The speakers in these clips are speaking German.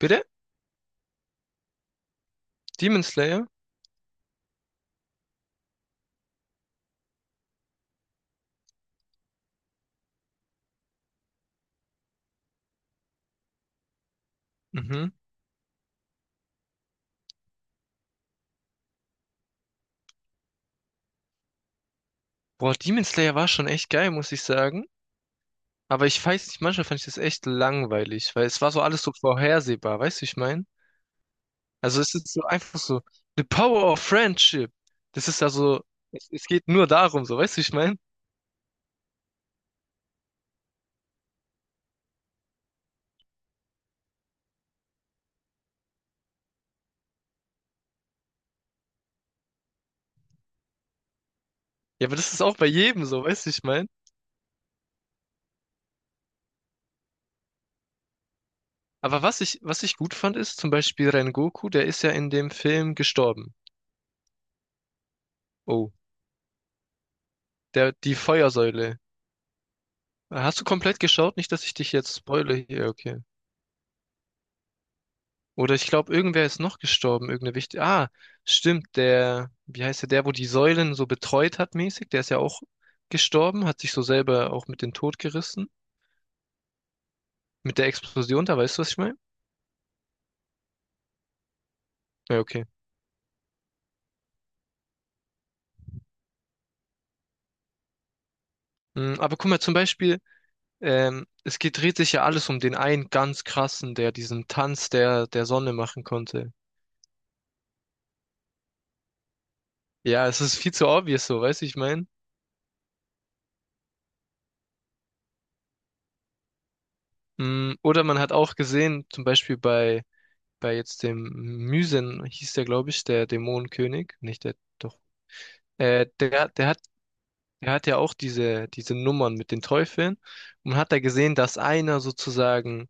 Bitte? Demon Slayer? Mhm. Boah, Demon Slayer war schon echt geil, muss ich sagen. Aber ich weiß nicht, manchmal fand ich das echt langweilig, weil es war so alles so vorhersehbar, weißt du, wie ich meine? Also es ist so einfach so, the power of friendship. Das ist also, es geht nur darum, so, weißt du, wie ich meine? Ja, aber das ist auch bei jedem so, weißt du, wie ich meine? Aber was ich gut fand, ist zum Beispiel Rengoku, der ist ja in dem Film gestorben. Oh, die Feuersäule. Hast du komplett geschaut? Nicht, dass ich dich jetzt spoile hier, okay. Oder ich glaube, irgendwer ist noch gestorben, irgendeine wichtige. Ah, stimmt, der, wie heißt der, der, wo die Säulen so betreut hat, mäßig, der ist ja auch gestorben, hat sich so selber auch mit dem Tod gerissen. Mit der Explosion, da weißt du, was ich meine? Ja, okay. Aber guck mal, zum Beispiel, dreht sich ja alles um den einen ganz krassen, der diesen Tanz der Sonne machen konnte. Ja, es ist viel zu obvious so, weißt du, ich meine? Oder man hat auch gesehen, zum Beispiel bei, jetzt dem Mysen hieß der, glaube ich, der Dämonenkönig, nicht der, doch. Äh, der, der hat, Der hat ja auch diese Nummern mit den Teufeln und hat da gesehen, dass einer sozusagen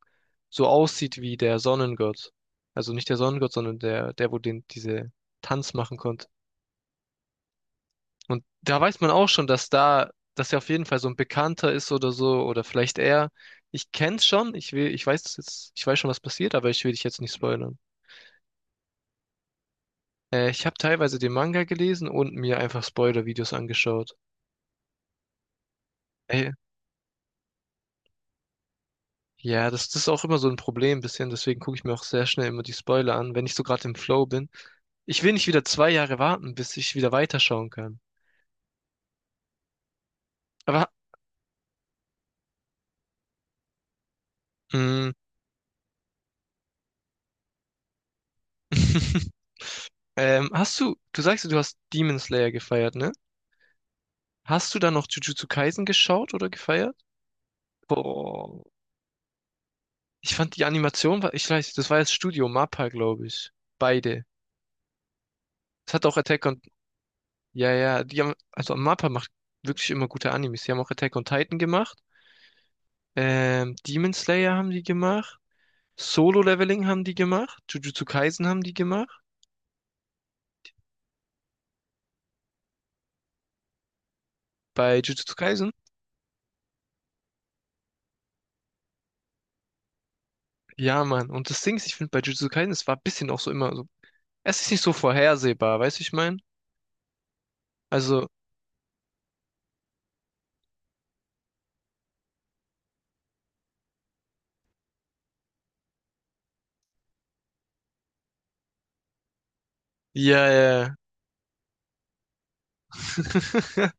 so aussieht wie der Sonnengott. Also nicht der Sonnengott, sondern der, der, wo diese Tanz machen konnte. Und da weiß man auch schon, dass da, dass er auf jeden Fall so ein Bekannter ist oder so, oder vielleicht er. Ich kenn's schon, ich will, ich weiß jetzt, ich weiß schon, was passiert, aber ich will dich jetzt nicht spoilern. Ich habe teilweise den Manga gelesen und mir einfach Spoiler-Videos angeschaut. Ey, ja, das ist auch immer so ein Problem bisschen, deswegen gucke ich mir auch sehr schnell immer die Spoiler an, wenn ich so gerade im Flow bin. Ich will nicht wieder 2 Jahre warten, bis ich wieder weiterschauen kann. Aber, mh, hast du, du, sagst, ja, du hast Demon Slayer gefeiert, ne? Hast du dann noch Jujutsu Kaisen geschaut oder gefeiert? Boah, ich fand die Animation war, ich weiß, das war jetzt Studio MAPPA, glaube ich. Beide. Es hat auch Attack on, Ja, ja, also MAPPA macht wirklich immer gute Animes. Die haben auch Attack on Titan gemacht. Demon Slayer haben die gemacht. Solo-Leveling haben die gemacht, Jujutsu Kaisen haben die gemacht. Bei Jujutsu Kaisen? Ja, Mann. Und das Ding ist, ich finde bei Jujutsu Kaisen, es war ein bisschen auch so immer so. Es ist nicht so vorhersehbar, weißt du, wie ich meine? Also, ja, ja. Ja.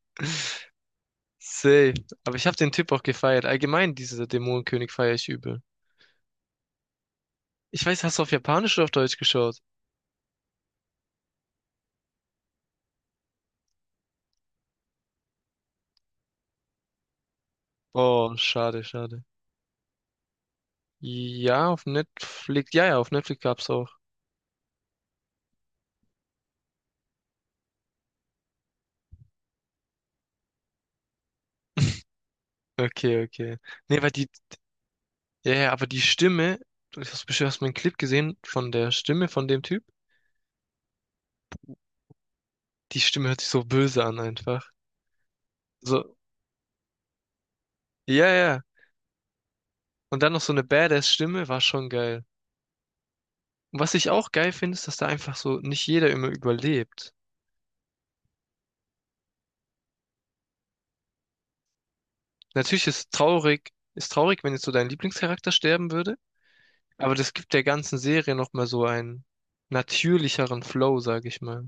Safe. Aber ich habe den Tipp auch gefeiert. Allgemein, diese Dämonenkönig feiere ich übel. Ich weiß, hast du auf Japanisch oder auf Deutsch geschaut? Oh, schade, schade. Ja, auf Netflix. Ja, ja, auf Netflix gab's auch. Okay, okay. Nee, weil die ja, ja, aber die Stimme, du hast bestimmt hast mal einen Clip gesehen von der Stimme von dem Typ. Die Stimme hört sich so böse an einfach. So, ja, ja. Und dann noch so eine Badass-Stimme war schon geil. Und was ich auch geil finde, ist, dass da einfach so nicht jeder immer überlebt. Natürlich ist traurig, wenn jetzt so dein Lieblingscharakter sterben würde, aber das gibt der ganzen Serie nochmal so einen natürlicheren Flow, sag ich mal.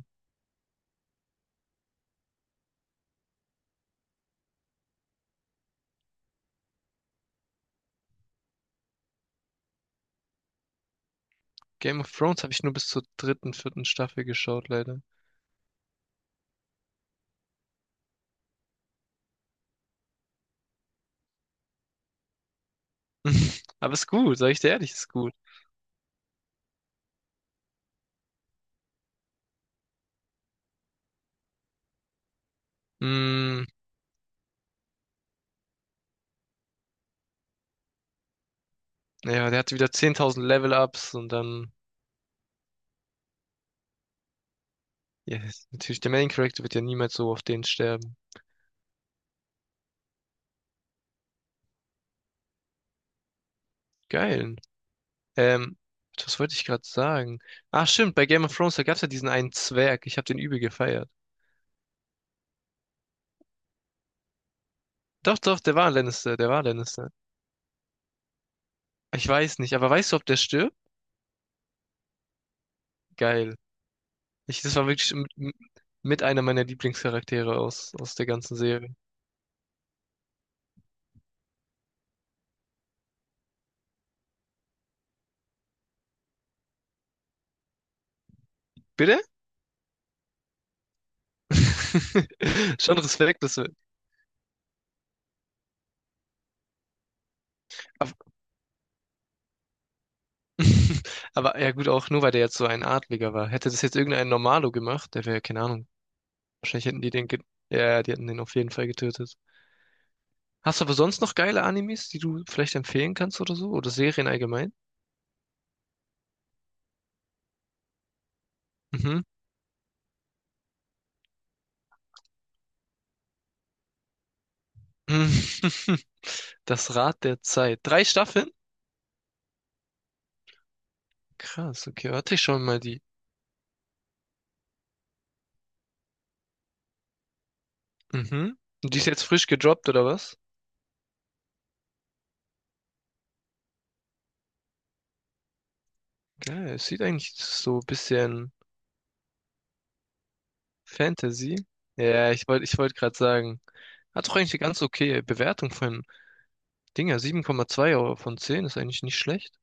Game of Thrones habe ich nur bis zur dritten, vierten Staffel geschaut, leider. Aber ist gut, sag ich dir ehrlich, ist gut. Mm, ja, der hatte wieder 10.000 Level-Ups und dann, ja, natürlich der Main-Character wird ja niemals so auf den sterben. Geil. Ähm, Was wollte ich gerade sagen? Ach stimmt, bei Game of Thrones, da gab's ja diesen einen Zwerg. Ich habe den übel gefeiert. Doch, doch, der war Lannister, der war Lannister. Ich weiß nicht, aber weißt du, ob der stirbt? Geil. Das war wirklich mit einer meiner Lieblingscharaktere aus der ganzen Serie. Bitte? Schon Respekt. Das Aber ja gut, auch nur weil der jetzt so ein Adliger war. Hätte das jetzt irgendein Normalo gemacht, der wäre, keine Ahnung. Wahrscheinlich hätten die den, ge ja, die hätten den auf jeden Fall getötet. Hast du aber sonst noch geile Animes, die du vielleicht empfehlen kannst oder so? Oder Serien allgemein? Mhm. Das Rad der Zeit. Drei Staffeln? Krass, okay, warte ich schon mal die. Mhm. Und die ist jetzt frisch gedroppt oder was? Geil, es sieht eigentlich so ein bisschen Fantasy. Ja, ich wollt gerade sagen. Hat doch eigentlich eine ganz okay Bewertung von Dinger, 7,2 von 10 ist eigentlich nicht schlecht.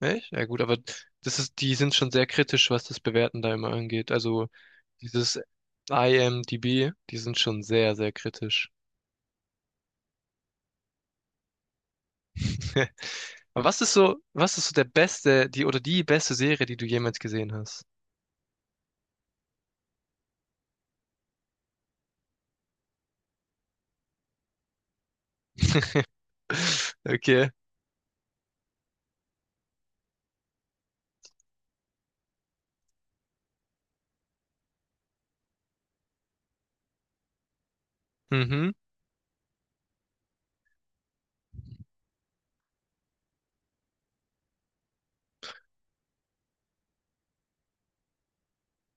Echt? Ja gut, aber die sind schon sehr kritisch, was das Bewerten da immer angeht. Also dieses IMDb, die sind schon sehr, sehr kritisch. Aber was ist so der beste, die beste Serie, die du jemals gesehen hast? Okay. Mhm.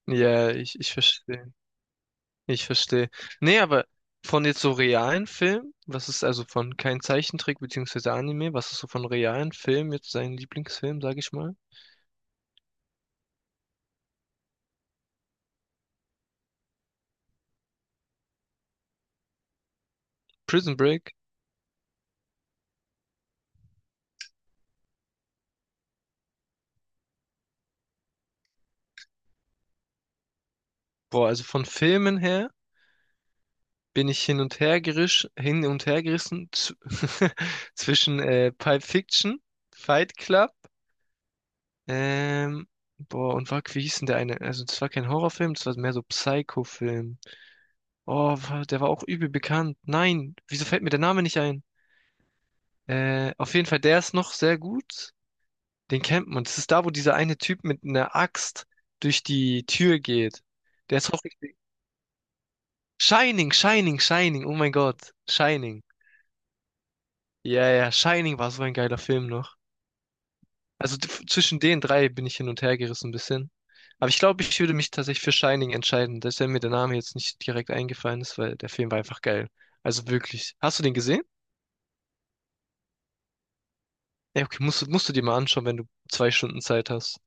Ja, ich verstehe. Ich verstehe. Nee, aber von jetzt so realen Filmen, was ist also von kein Zeichentrick beziehungsweise Anime, was ist so von realen Filmen jetzt sein Lieblingsfilm, sag ich mal? Prison Break. Boah, also von Filmen her bin ich hin und her gerissen zwischen Pulp Fiction, Fight Club, ähm, boah, und wie hieß denn der eine? Also das war kein Horrorfilm, das war mehr so Psycho-Film. Oh, der war auch übel bekannt. Nein, wieso fällt mir der Name nicht ein? Auf jeden Fall, der ist noch sehr gut. Den kennt man. Das ist da, wo dieser eine Typ mit einer Axt durch die Tür geht. Der ist auch richtig. Shining, Shining, Shining. Oh mein Gott. Shining. Ja, ja, Shining war so ein geiler Film noch. Also zwischen den drei bin ich hin und her gerissen ein bisschen. Aber ich glaube, ich würde mich tatsächlich für Shining entscheiden, dass mir der Name jetzt nicht direkt eingefallen ist, weil der Film war einfach geil. Also wirklich. Hast du den gesehen? Ja, okay, musst du dir mal anschauen, wenn du 2 Stunden Zeit hast.